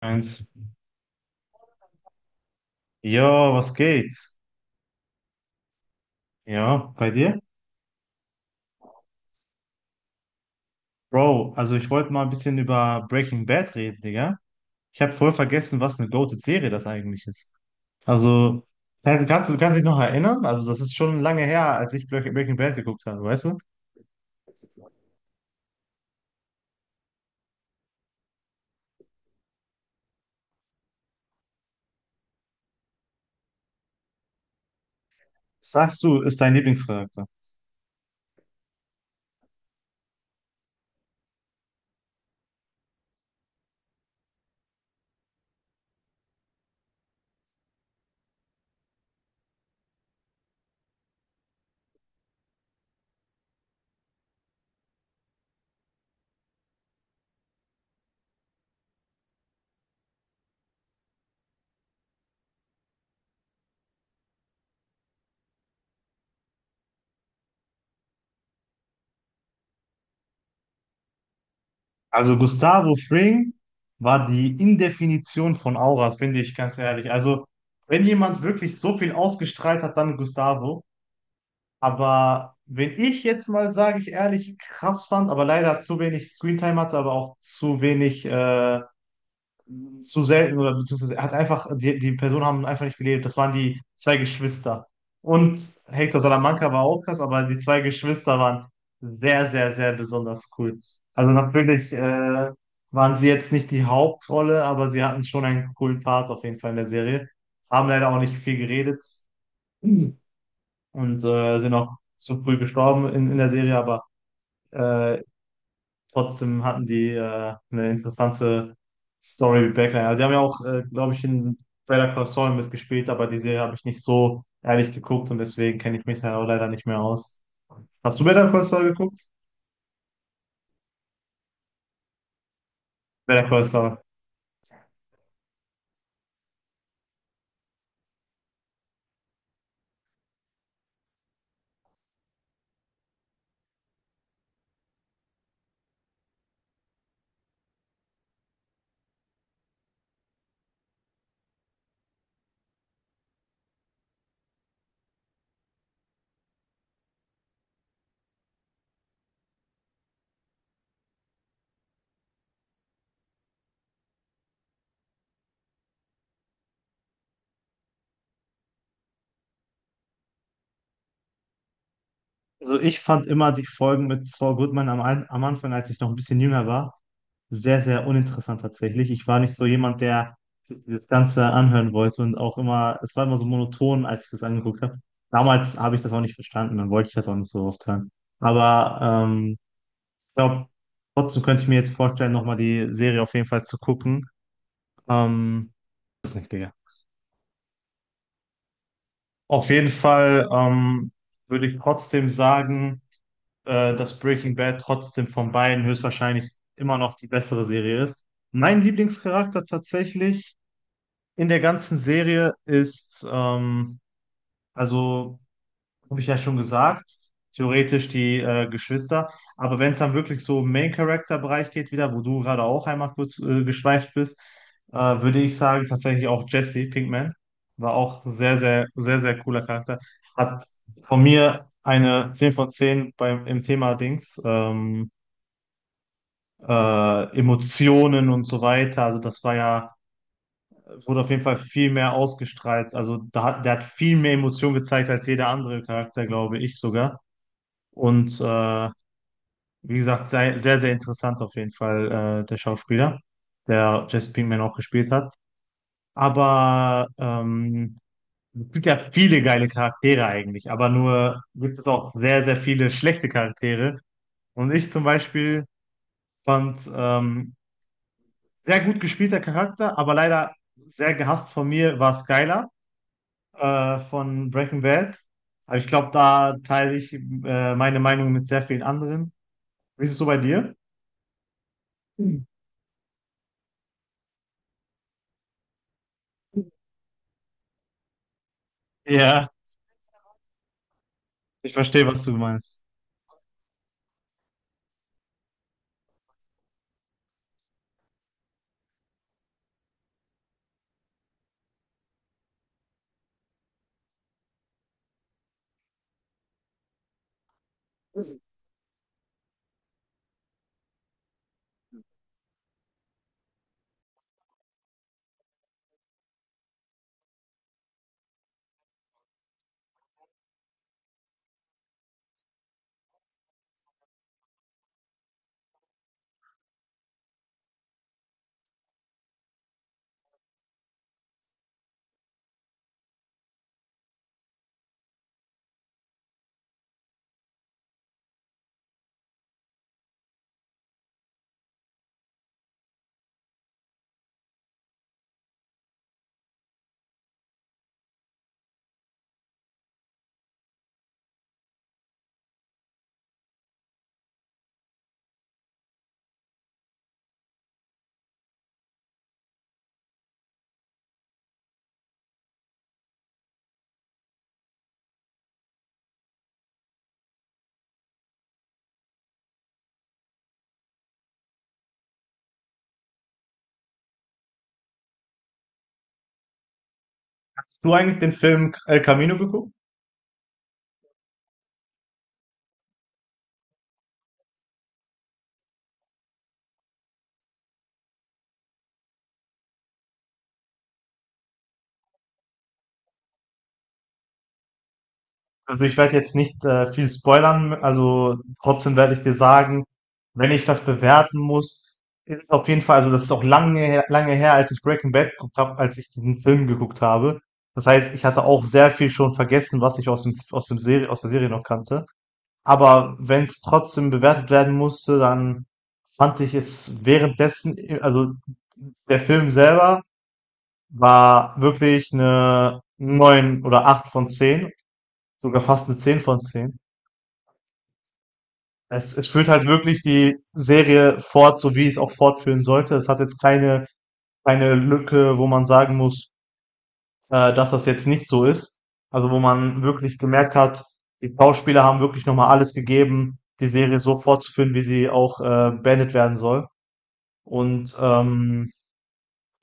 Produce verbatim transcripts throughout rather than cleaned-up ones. Eins. Jo, was geht? Ja, bei dir? Bro, also ich wollte mal ein bisschen über Breaking Bad reden, Digga. Ich habe voll vergessen, was eine Go-To-Serie das eigentlich ist. Also, kannst, kannst du kannst dich noch erinnern? Also, das ist schon lange her, als ich Breaking Breaking Bad geguckt habe, weißt du? Was sagst du, ist dein Lieblingscharakter? Also, Gustavo Fring war die Indefinition von Auras, finde ich, ganz ehrlich. Also, wenn jemand wirklich so viel ausgestrahlt hat, dann Gustavo. Aber wenn ich jetzt mal, sage ich ehrlich, krass fand, aber leider zu wenig Screentime hatte, aber auch zu wenig, äh, zu selten oder beziehungsweise er hat einfach, die, die Personen haben einfach nicht gelebt. Das waren die zwei Geschwister. Und Hector Salamanca war auch krass, aber die zwei Geschwister waren sehr, sehr, sehr besonders cool. Also natürlich, äh, waren sie jetzt nicht die Hauptrolle, aber sie hatten schon einen coolen Part auf jeden Fall in der Serie. Haben leider auch nicht viel geredet und äh, sind auch zu früh gestorben in, in der Serie, aber äh, trotzdem hatten die äh, eine interessante Story mit Backline. Also die haben ja auch, äh, glaube ich, in Better Call Saul mitgespielt, aber die Serie habe ich nicht so ehrlich geguckt und deswegen kenne ich mich da auch leider nicht mehr aus. Hast du Better Call Saul geguckt? Better Call Saul. Also ich fand immer die Folgen mit Saul Goodman am, Ein- am Anfang, als ich noch ein bisschen jünger war, sehr, sehr uninteressant tatsächlich. Ich war nicht so jemand, der sich das Ganze anhören wollte und auch immer, es war immer so monoton, als ich das angeguckt habe. Damals habe ich das auch nicht verstanden, dann wollte ich das auch nicht so oft hören. Aber ähm, ich glaube, trotzdem könnte ich mir jetzt vorstellen, nochmal die Serie auf jeden Fall zu gucken. Ähm, Das ist nicht, Digga. Auf jeden Fall ähm, würde ich trotzdem sagen, äh, dass Breaking Bad trotzdem von beiden höchstwahrscheinlich immer noch die bessere Serie ist. Mein Lieblingscharakter tatsächlich in der ganzen Serie ist, ähm, also habe ich ja schon gesagt, theoretisch die äh, Geschwister. Aber wenn es dann wirklich so im Main-Character-Bereich geht, wieder, wo du gerade auch einmal kurz äh, geschweift bist, äh, würde ich sagen, tatsächlich auch Jesse Pinkman war auch sehr, sehr, sehr, sehr cooler Charakter. Hat von mir eine zehn von zehn beim, im Thema Dings, ähm, äh, Emotionen und so weiter. Also das war ja, wurde auf jeden Fall viel mehr ausgestrahlt. Also da, hat- der hat viel mehr Emotionen gezeigt als jeder andere Charakter, glaube ich sogar. Und äh, wie gesagt, sehr, sehr, sehr interessant auf jeden Fall, äh, der Schauspieler, der Jesse Pinkman auch gespielt hat. Aber ähm, es gibt ja viele geile Charaktere eigentlich, aber nur gibt es auch sehr, sehr viele schlechte Charaktere. Und ich zum Beispiel fand ähm, sehr gut gespielter Charakter, aber leider sehr gehasst von mir war Skylar äh, von Breaking Bad. Aber ich glaube, da teile ich äh, meine Meinung mit sehr vielen anderen. Wie ist es so bei dir? Ja. Ich verstehe, was du meinst. Hast du eigentlich den Film El Camino geguckt? Also ich werde jetzt nicht äh, viel spoilern, also trotzdem werde ich dir sagen, wenn ich das bewerten muss, ist es auf jeden Fall, also das ist auch lange, her- lange her, als ich Breaking Bad geguckt habe, als ich den Film geguckt habe. Das heißt, ich hatte auch sehr viel schon vergessen, was ich aus dem, aus dem Serie, aus der Serie noch kannte. Aber wenn es trotzdem bewertet werden musste, dann fand ich es währenddessen, also der Film selber war wirklich eine neun oder acht von zehn, sogar fast eine zehn von zehn. Es es führt halt wirklich die Serie fort, so wie es auch fortführen sollte. Es hat jetzt keine keine Lücke, wo man sagen muss, äh, dass das jetzt nicht so ist. Also, wo man wirklich gemerkt hat, die Schauspieler haben wirklich noch mal alles gegeben, die Serie so fortzuführen, wie sie auch, äh, beendet werden soll. Und, ähm,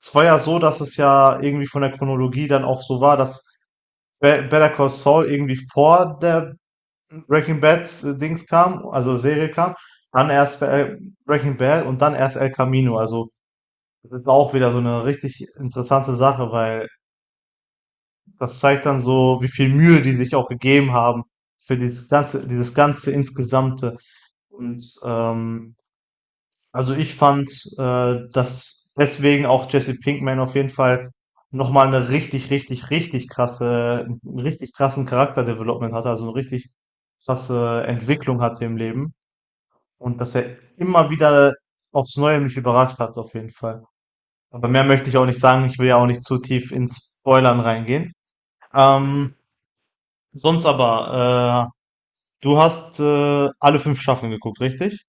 es war ja so, dass es ja irgendwie von der Chronologie dann auch so war, dass Be- Better Call Saul irgendwie vor der Breaking Bad äh, Dings kam, also Serie kam, dann erst äh, Breaking Bad und dann erst El Camino. Also das ist auch wieder so eine richtig interessante Sache, weil das zeigt dann so, wie viel Mühe die sich auch gegeben haben für dieses ganze, dieses ganze insgesamte. Und ähm, also, ich fand, äh, dass deswegen auch Jesse Pinkman auf jeden Fall noch mal 'ne richtig, richtig, richtig krasse 'n richtig krassen Charakter hatte, also eine richtig krasse Entwicklung hatte im Leben und dass er immer wieder aufs Neue mich überrascht hat auf jeden Fall. Aber mehr möchte ich auch nicht sagen, ich will ja auch nicht zu tief ins Spoilern reingehen. Ähm, Sonst aber, äh, du hast, äh, alle fünf Staffeln geguckt, richtig?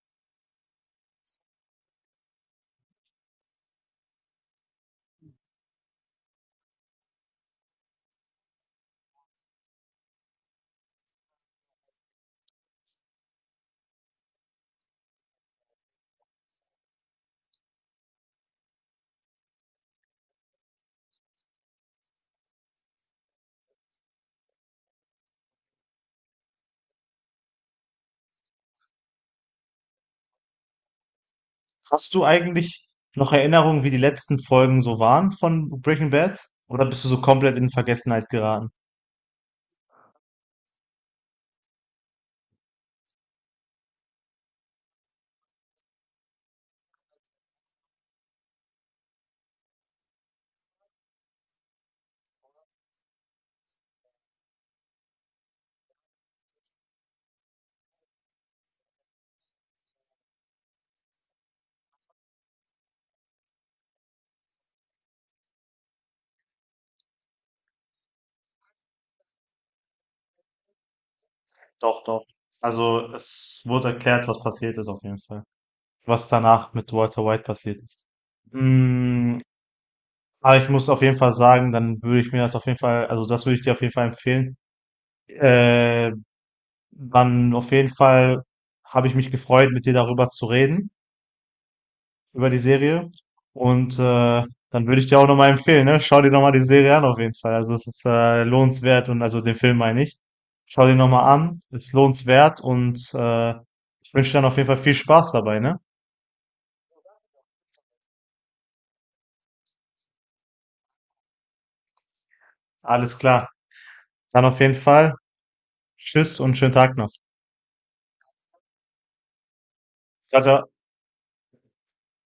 Hast du eigentlich noch Erinnerungen, wie die letzten Folgen so waren von Breaking Bad? Oder bist du so komplett in Vergessenheit geraten? Doch, doch. Also es wurde erklärt, was passiert ist auf jeden Fall. Was danach mit Walter White passiert ist. Mm, aber ich muss auf jeden Fall sagen, dann würde ich mir das auf jeden Fall, also das würde ich dir auf jeden Fall empfehlen. Äh, Man, auf jeden Fall habe ich mich gefreut, mit dir darüber zu reden. Über die Serie. Und äh, dann würde ich dir auch nochmal empfehlen, ne? Schau dir nochmal die Serie an auf jeden Fall. Also es ist äh, lohnenswert und also den Film meine ich. Schau dir nochmal an, ist lohnenswert und äh, ich wünsche dir dann auf jeden Fall viel Spaß dabei, ne? Alles klar. Dann auf jeden Fall. Tschüss und schönen Tag noch. Ciao, ciao.